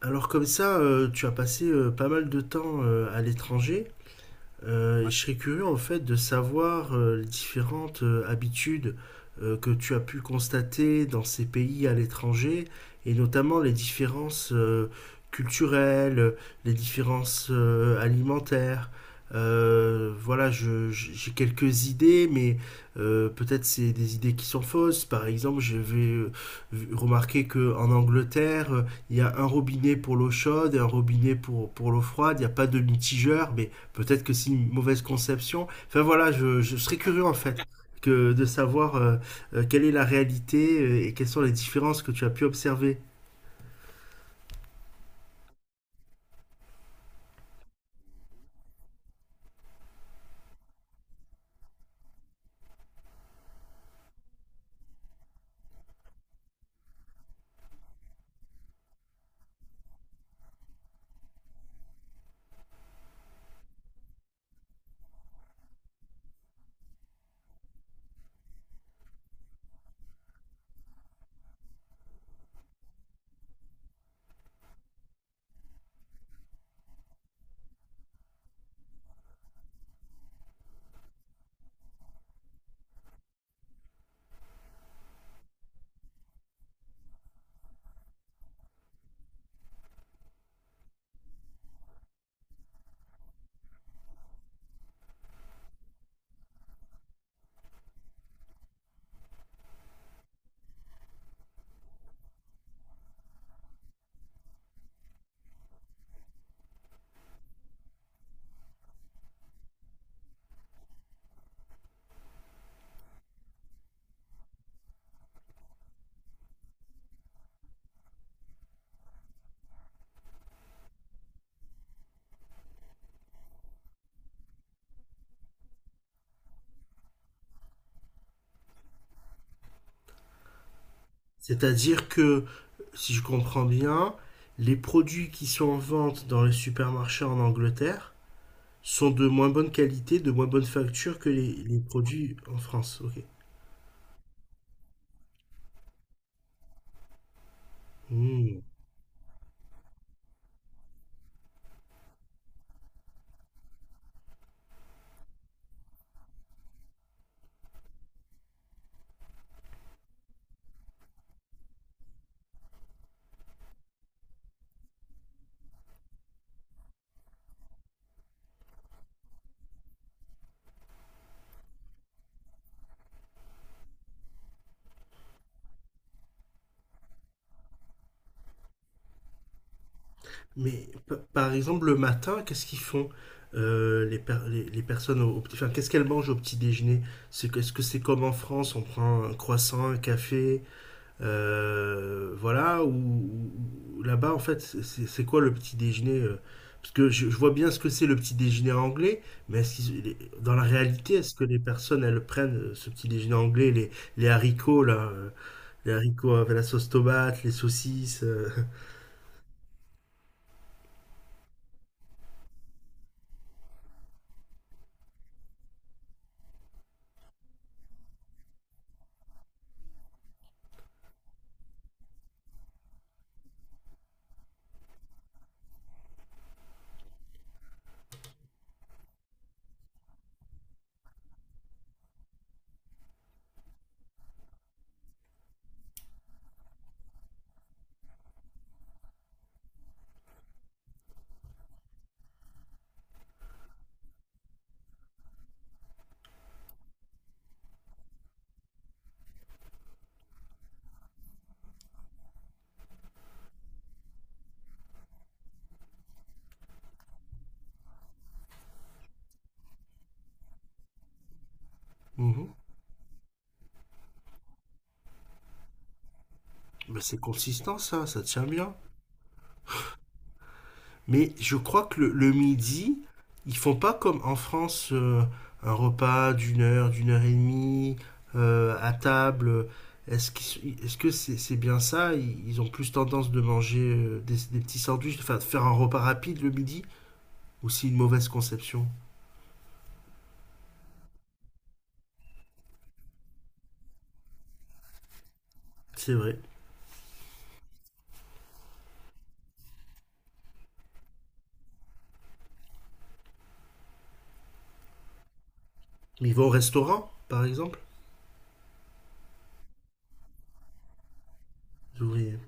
Alors comme ça, tu as passé pas mal de temps à l'étranger. Et je serais curieux en fait de savoir les différentes habitudes que tu as pu constater dans ces pays à l'étranger, et notamment les différences culturelles, les différences alimentaires. Voilà, j'ai quelques idées, mais peut-être c'est des idées qui sont fausses. Par exemple, je vais remarquer que en Angleterre, il y a un robinet pour l'eau chaude et un robinet pour l'eau froide. Il n'y a pas de mitigeur, mais peut-être que c'est une mauvaise conception. Enfin voilà, je serais curieux en fait que de savoir quelle est la réalité et quelles sont les différences que tu as pu observer. C'est-à-dire que, si je comprends bien, les produits qui sont en vente dans les supermarchés en Angleterre sont de moins bonne qualité, de moins bonne facture que les produits en France. Ok. Hmm. Mais par exemple, le matin, qu'est-ce qu'ils font, les personnes au petit, enfin, qu'est-ce qu'elles mangent au petit déjeuner? Est-ce que c'est comme en France, on prend un croissant, un café, voilà, ou là-bas, en fait, c'est quoi le petit déjeuner? Parce que je vois bien ce que c'est le petit déjeuner anglais, mais dans la réalité, est-ce que les personnes, elles prennent ce petit déjeuner anglais, les haricots, là, les haricots avec la sauce tomate, les saucisses? Mais c'est consistant ça, ça tient bien. Mais je crois que le midi, ils font pas comme en France un repas d'1 heure, d'1 heure et demie à table. Est-ce que c'est bien ça, ils ont plus tendance de manger des petits sandwichs, enfin de faire un repas rapide le midi? Ou c'est une mauvaise conception? C'est vrai. Mais ils vont au restaurant, par exemple? Les ouvriers.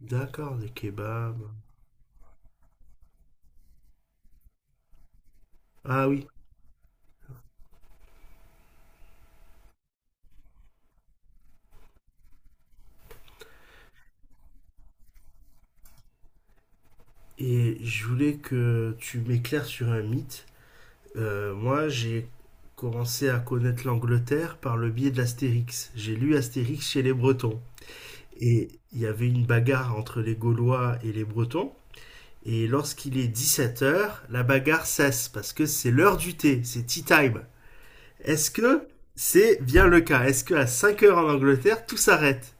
D'accord, des kebabs. Ah oui. Et je voulais que tu m'éclaires sur un mythe. Moi, j'ai commencé à connaître l'Angleterre par le biais de l'Astérix. J'ai lu Astérix chez les Bretons. Et il y avait une bagarre entre les Gaulois et les Bretons. Et lorsqu'il est 17 heures, la bagarre cesse parce que c'est l'heure du thé, c'est tea time. Est-ce que c'est bien le cas? Est-ce qu'à 5 heures en Angleterre, tout s'arrête?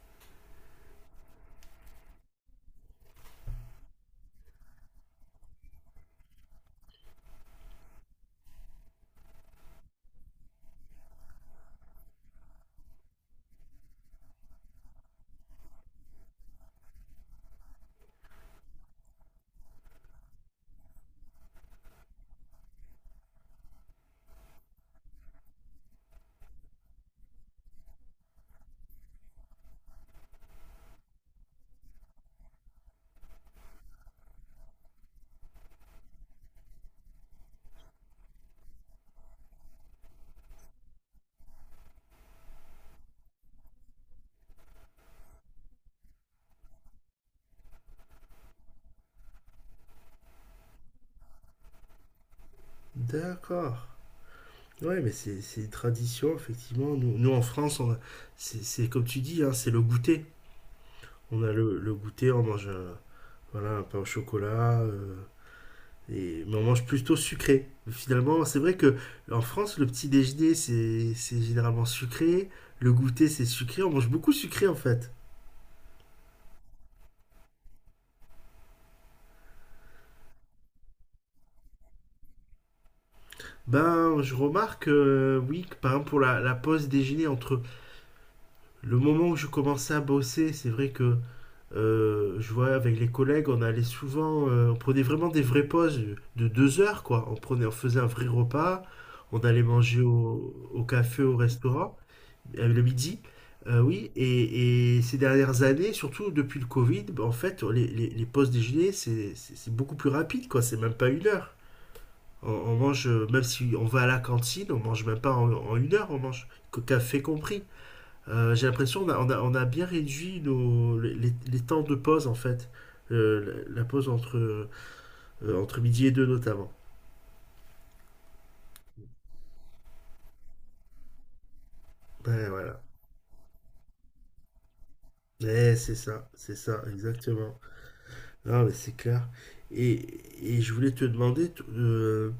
D'accord. Ouais, mais c'est une tradition, effectivement. Nous, nous, en France, on a- c'est comme tu dis, hein, c'est le goûter. On a le goûter, on mange un, voilà, un pain au chocolat. Mais on mange plutôt sucré. Finalement, c'est vrai que en France, le petit déjeuner, c'est généralement sucré. Le goûter, c'est sucré. On mange beaucoup sucré, en fait. Ben, je remarque, oui, que par exemple, pour la pause déjeuner, entre le moment où je commençais à bosser, c'est vrai que je vois avec les collègues, on allait souvent, on prenait vraiment des vraies pauses de 2 heures, quoi. On prenait, on faisait un vrai repas, on allait manger au café, au restaurant. Le midi. Oui, ces dernières années, surtout depuis le Covid, bah, en fait, les pauses déjeuner, c'est beaucoup plus rapide, quoi. C'est même pas 1 heure. On mange, même si on va à la cantine, on mange même pas en 1 heure, on mange que café compris. J'ai l'impression qu'on a bien réduit nos, les temps de pause, en fait. La pause entre, entre midi et deux, notamment. Ouais, voilà. Ouais, c'est ça, exactement. Non, mais c'est clair. Et je voulais te demander,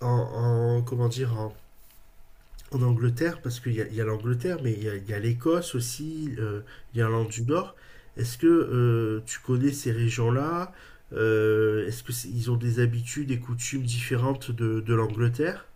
en, comment dire, en Angleterre, parce qu'il y a l'Angleterre, mais il y a l'Écosse aussi, l'Irlande du Nord. Est-ce que tu connais ces régions-là? Est-ce que ils ont des habitudes et coutumes différentes de l'Angleterre?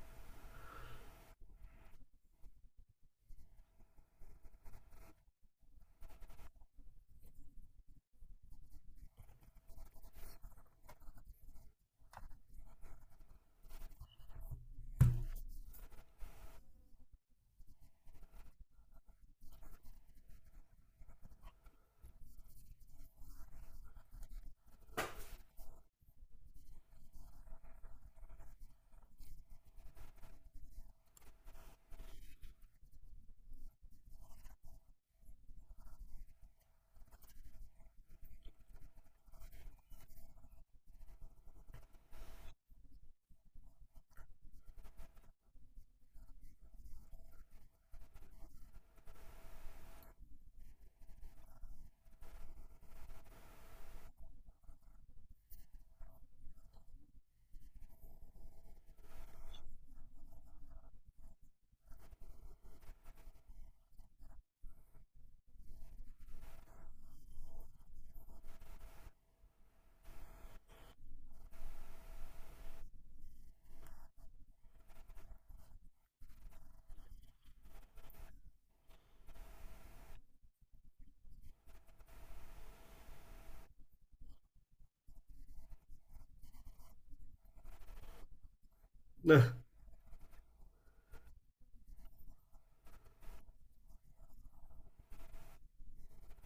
Ah,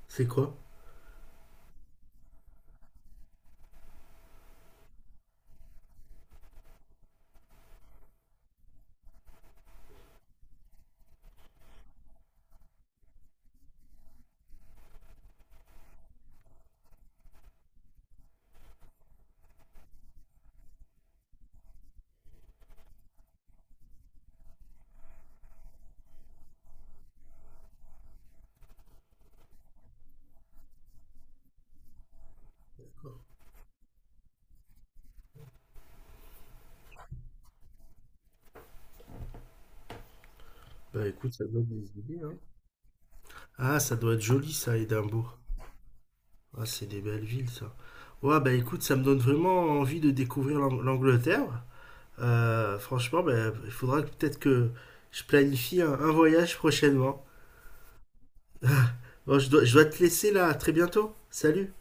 c'est quoi? Bah écoute, ça donne des idées, hein. Ah, ça doit être joli ça, Édimbourg. Ah, c'est des belles villes ça. Ouais, bah écoute, ça me donne vraiment envie de découvrir l'Angleterre. Franchement, ben, il faudra peut-être que je planifie un voyage prochainement. Bon, je dois te laisser là, à très bientôt. Salut!